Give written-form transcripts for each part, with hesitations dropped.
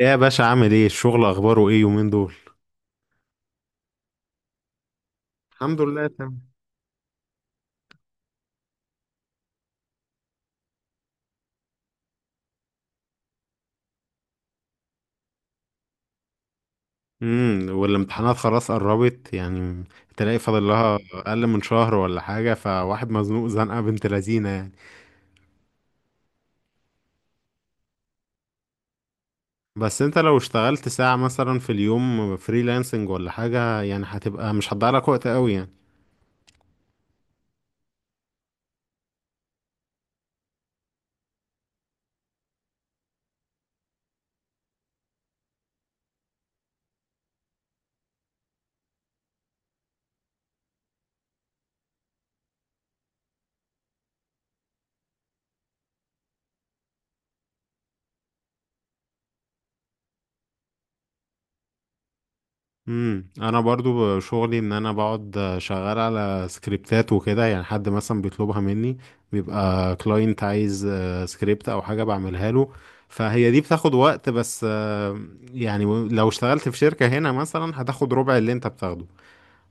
ايه يا باشا، عامل ايه؟ الشغل اخباره ايه يومين دول؟ الحمد لله، تمام. والامتحانات خلاص قربت يعني؟ تلاقي فاضل لها اقل من شهر ولا حاجه، فواحد مزنوق زنقه بنت لذينه يعني. بس انت لو اشتغلت ساعه مثلا في اليوم، فريلانسنج ولا حاجه يعني، هتبقى مش هتضيع لك وقت قوي يعني. انا برضو شغلي ان انا بقعد شغال على سكريبتات وكده، يعني حد مثلا بيطلبها مني. بيبقى كلاينت عايز سكريبت او حاجة بعملها له. فهي دي بتاخد وقت بس. يعني لو اشتغلت في شركة هنا مثلا، هتاخد ربع اللي انت بتاخده.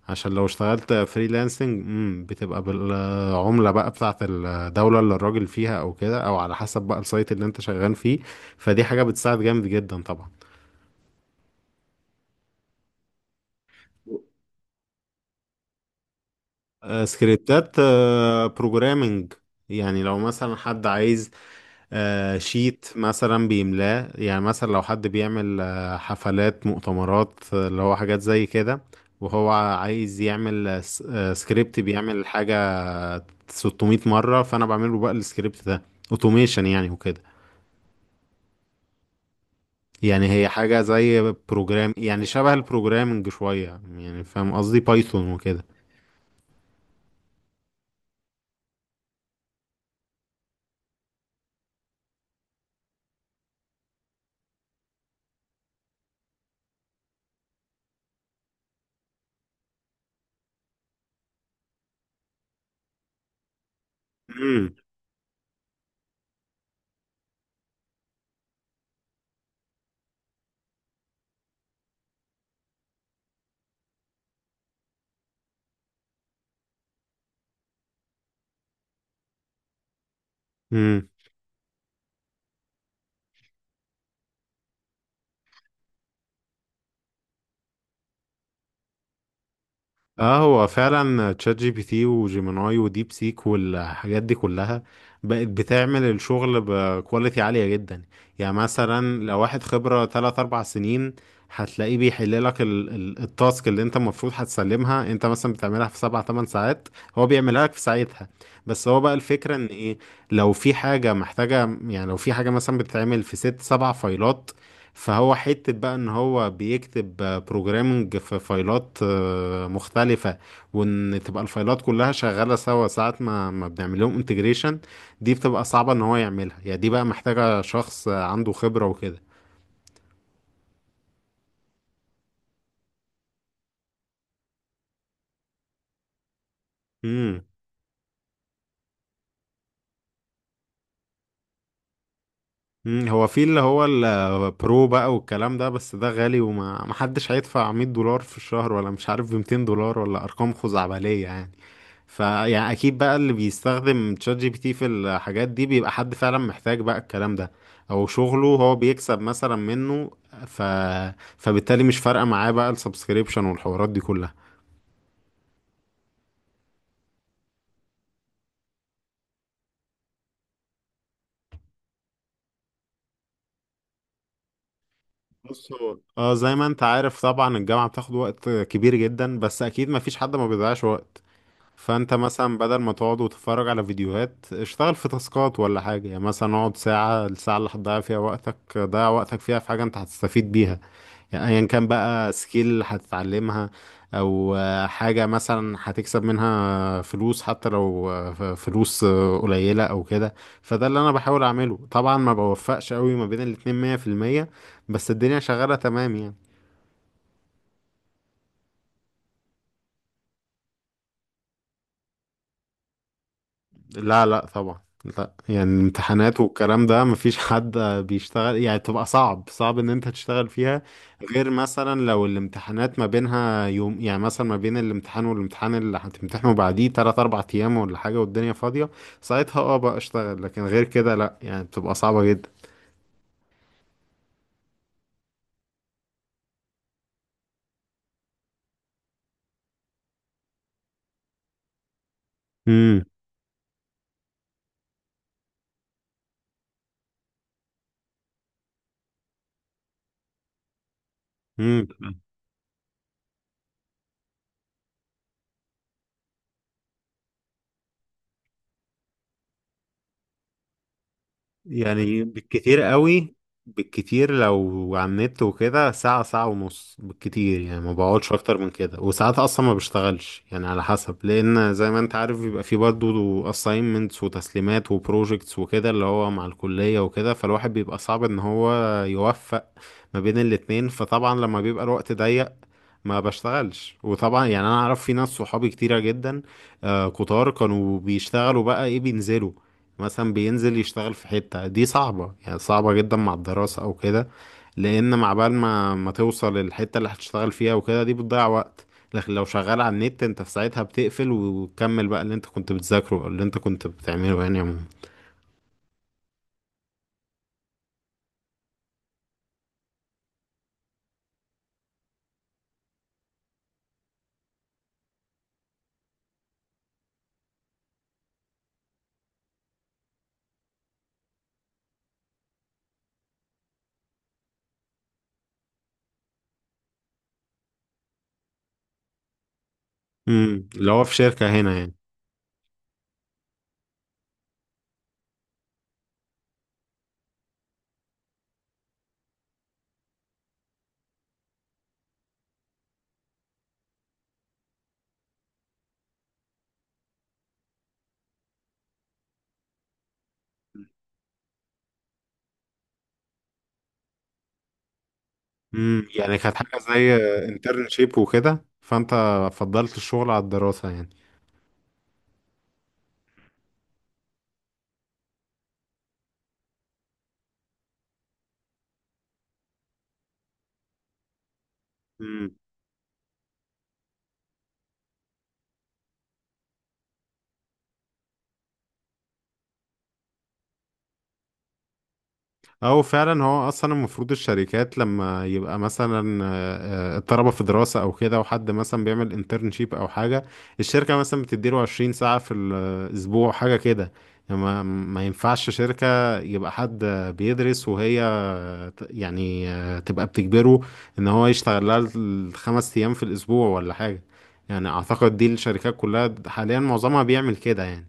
عشان لو اشتغلت فريلانسنج بتبقى بالعملة بقى بتاعت الدولة اللي الراجل فيها، او كده، او على حسب بقى السايت اللي انت شغال فيه. فدي حاجة بتساعد جامد جدا طبعا. سكريبتات، بروجرامنج. يعني لو مثلا حد عايز شيت مثلا بيملاه، يعني مثلا لو حد بيعمل حفلات، مؤتمرات، اللي هو حاجات زي كده. وهو عايز يعمل سكريبت بيعمل حاجة 600 مرة، فأنا بعمله بقى السكريبت ده اوتوميشن يعني، وكده. يعني هي حاجة زي بروجرام، يعني شبه البروجرامنج شوية. يعني فاهم قصدي، بايثون وكده. امم اه، هو فعلا تشات جي بي تي وجيميناي وديب سيك والحاجات دي كلها بقت بتعمل الشغل بكواليتي عالية جدا. يعني مثلا لو واحد خبرة 3 4 سنين، هتلاقيه بيحل لك التاسك اللي انت المفروض هتسلمها، انت مثلا بتعملها في 7 8 ساعات، هو بيعملها لك في ساعتها. بس هو بقى الفكرة ان ايه، لو في حاجة محتاجة، يعني لو في حاجة مثلا بتتعمل في 6 7 فايلات، فهو حتة بقى ان هو بيكتب بروجرامنج في فايلات مختلفة. وان تبقى الفايلات كلها شغالة سوا، ساعة ما بنعمل لهم انتجريشن، دي بتبقى صعبة ان هو يعملها، يعني دي بقى محتاجة شخص عنده خبرة وكده. امم أمم، هو في اللي هو البرو بقى والكلام ده، بس ده غالي وما محدش هيدفع $100 في الشهر، ولا مش عارف ب $200، ولا ارقام خزعبلية يعني. فيعني اكيد بقى اللي بيستخدم تشات جي بي تي في الحاجات دي بيبقى حد فعلا محتاج بقى الكلام ده، او شغله هو بيكسب مثلا منه. ف... فبالتالي مش فارقه معاه بقى السبسكريبشن والحوارات دي كلها. بص، هو اه زي ما انت عارف طبعا، الجامعه بتاخد وقت كبير جدا، بس اكيد ما فيش حد ما بيضيعش وقت. فانت مثلا بدل ما تقعد وتتفرج على فيديوهات، اشتغل في تاسكات ولا حاجه يعني، مثلا اقعد ساعه، الساعه اللي هتضيع فيها وقتك ضيع وقتك فيها في حاجه انت هتستفيد بيها. يعني ايا كان بقى، سكيل هتتعلمها، او حاجة مثلا هتكسب منها فلوس، حتى لو فلوس قليلة او كده. فده اللي انا بحاول اعمله طبعا، ما بوفقش قوي ما بين الاتنين 100%، بس الدنيا شغالة تمام يعني. لا، لا طبعا. لا يعني، الامتحانات والكلام ده مفيش حد بيشتغل يعني، تبقى صعب، صعب ان انت تشتغل فيها. غير مثلا لو الامتحانات ما بينها يوم، يعني مثلا ما بين الامتحان والامتحان اللي هتمتحنه بعديه 3 4 ايام ولا حاجة، والدنيا فاضية. ساعتها اه بقى اشتغل، لكن غير كده لا، يعني بتبقى صعبة جدا. امم يعني بالكتير قوي. بالكتير لو على النت وكده، ساعة ساعة ونص بالكتير يعني، ما بقعدش أكتر من كده، وساعات أصلا ما بشتغلش يعني على حسب، لأن زي ما أنت عارف بيبقى فيه برضه assignments وتسليمات وبروجيكتس وكده اللي هو مع الكلية وكده، فالواحد بيبقى صعب إن هو يوفق ما بين الاتنين. فطبعا لما بيبقى الوقت ضيق ما بشتغلش. وطبعا يعني انا اعرف في ناس صحابي كتيرة جدا، كتار كانوا بيشتغلوا بقى ايه، بينزلوا، مثلا بينزل يشتغل في حتة، دي صعبة يعني، صعبة جدا مع الدراسة او كده. لان مع بال ما توصل الحتة اللي هتشتغل فيها وكده، دي بتضيع وقت. لكن لو شغال على النت انت في ساعتها بتقفل وتكمل بقى اللي انت كنت بتذاكره أو اللي انت كنت بتعمله، يعني عموما. اللي هو في شركة هنا يعني؟ يعني كانت حاجة زي انترنشيب وكده، فانت فضلت الشغل على الدراسة يعني؟ امم او فعلا هو اصلا المفروض الشركات لما يبقى مثلا الطلبة في دراسة او كده، وحد مثلا بيعمل انترنشيب او حاجة، الشركة مثلا بتديله 20 ساعة في الاسبوع، حاجة كده. يعني ما ينفعش شركة يبقى حد بيدرس وهي، يعني تبقى بتجبره ان هو يشتغل لها الـ5 ايام في الاسبوع ولا حاجة. يعني اعتقد دي الشركات كلها حاليا معظمها بيعمل كده يعني.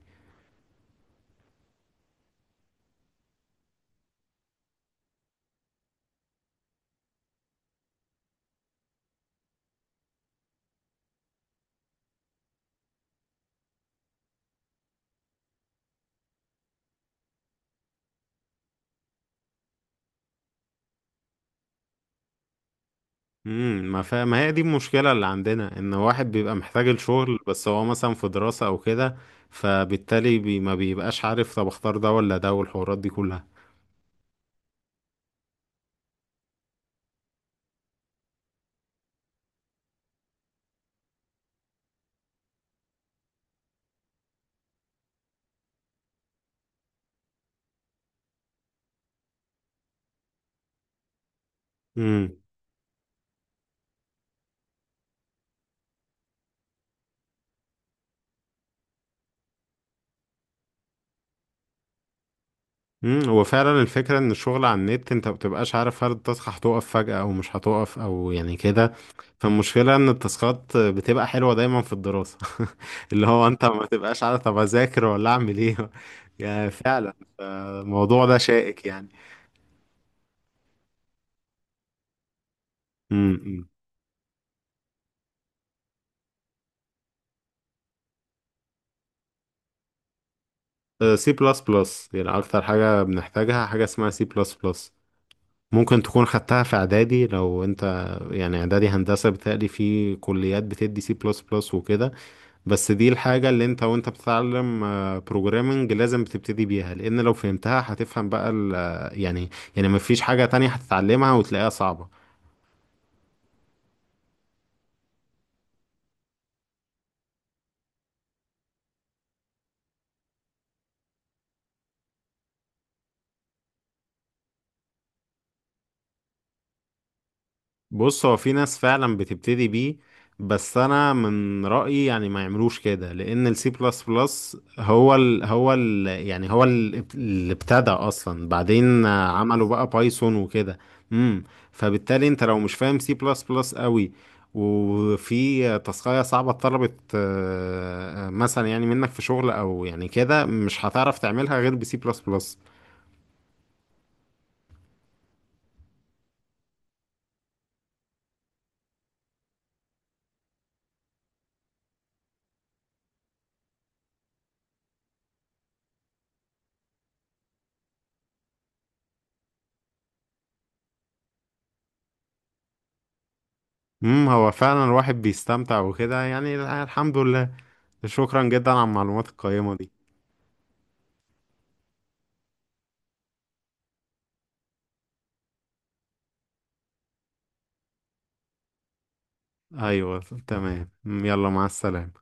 ما هي دي المشكلة اللي عندنا، ان واحد بيبقى محتاج الشغل بس هو مثلا في دراسة او كده، فبالتالي ما بيبقاش عارف طب اختار ده ولا ده والحوارات دي كلها. مم. هو فعلا الفكرة ان الشغل على النت انت مبتبقاش عارف هل التاسك هتقف فجأة او مش هتقف، او يعني كده. فالمشكلة ان التاسكات بتبقى حلوة دايما في الدراسة. اللي هو انت ما تبقاش عارف، طب اذاكر ولا اعمل ايه؟ يعني فعلا الموضوع ده شائك يعني. امم سي بلس بلس يعني، اكتر حاجة بنحتاجها حاجة اسمها سي بلس بلس. ممكن تكون خدتها في اعدادي لو انت يعني اعدادي هندسة، بتقلي في كليات بتدي سي بلس بلس وكده. بس دي الحاجة اللي انت وانت بتتعلم بروجرامنج لازم بتبتدي بيها، لان لو فهمتها هتفهم بقى يعني، يعني مفيش حاجة تانية هتتعلمها وتلاقيها صعبة. بص، هو في ناس فعلا بتبتدي بيه، بس انا من رأيي يعني ما يعملوش كده، لان السي بلس بلس هو ال هو ال يعني هو ال- اللي ابتدى اصلا، بعدين عملوا بقى بايثون وكده. امم فبالتالي انت لو مش فاهم سي بلس بلس قوي، وفي تاسكاية صعبة اتطلبت مثلا يعني منك في شغل او يعني كده، مش هتعرف تعملها غير بسي بلس بلس. هو فعلا الواحد بيستمتع وكده يعني، الحمد لله. شكرا جدا على المعلومات القيمة دي. ايوه، تمام، مم، يلا مع السلامة.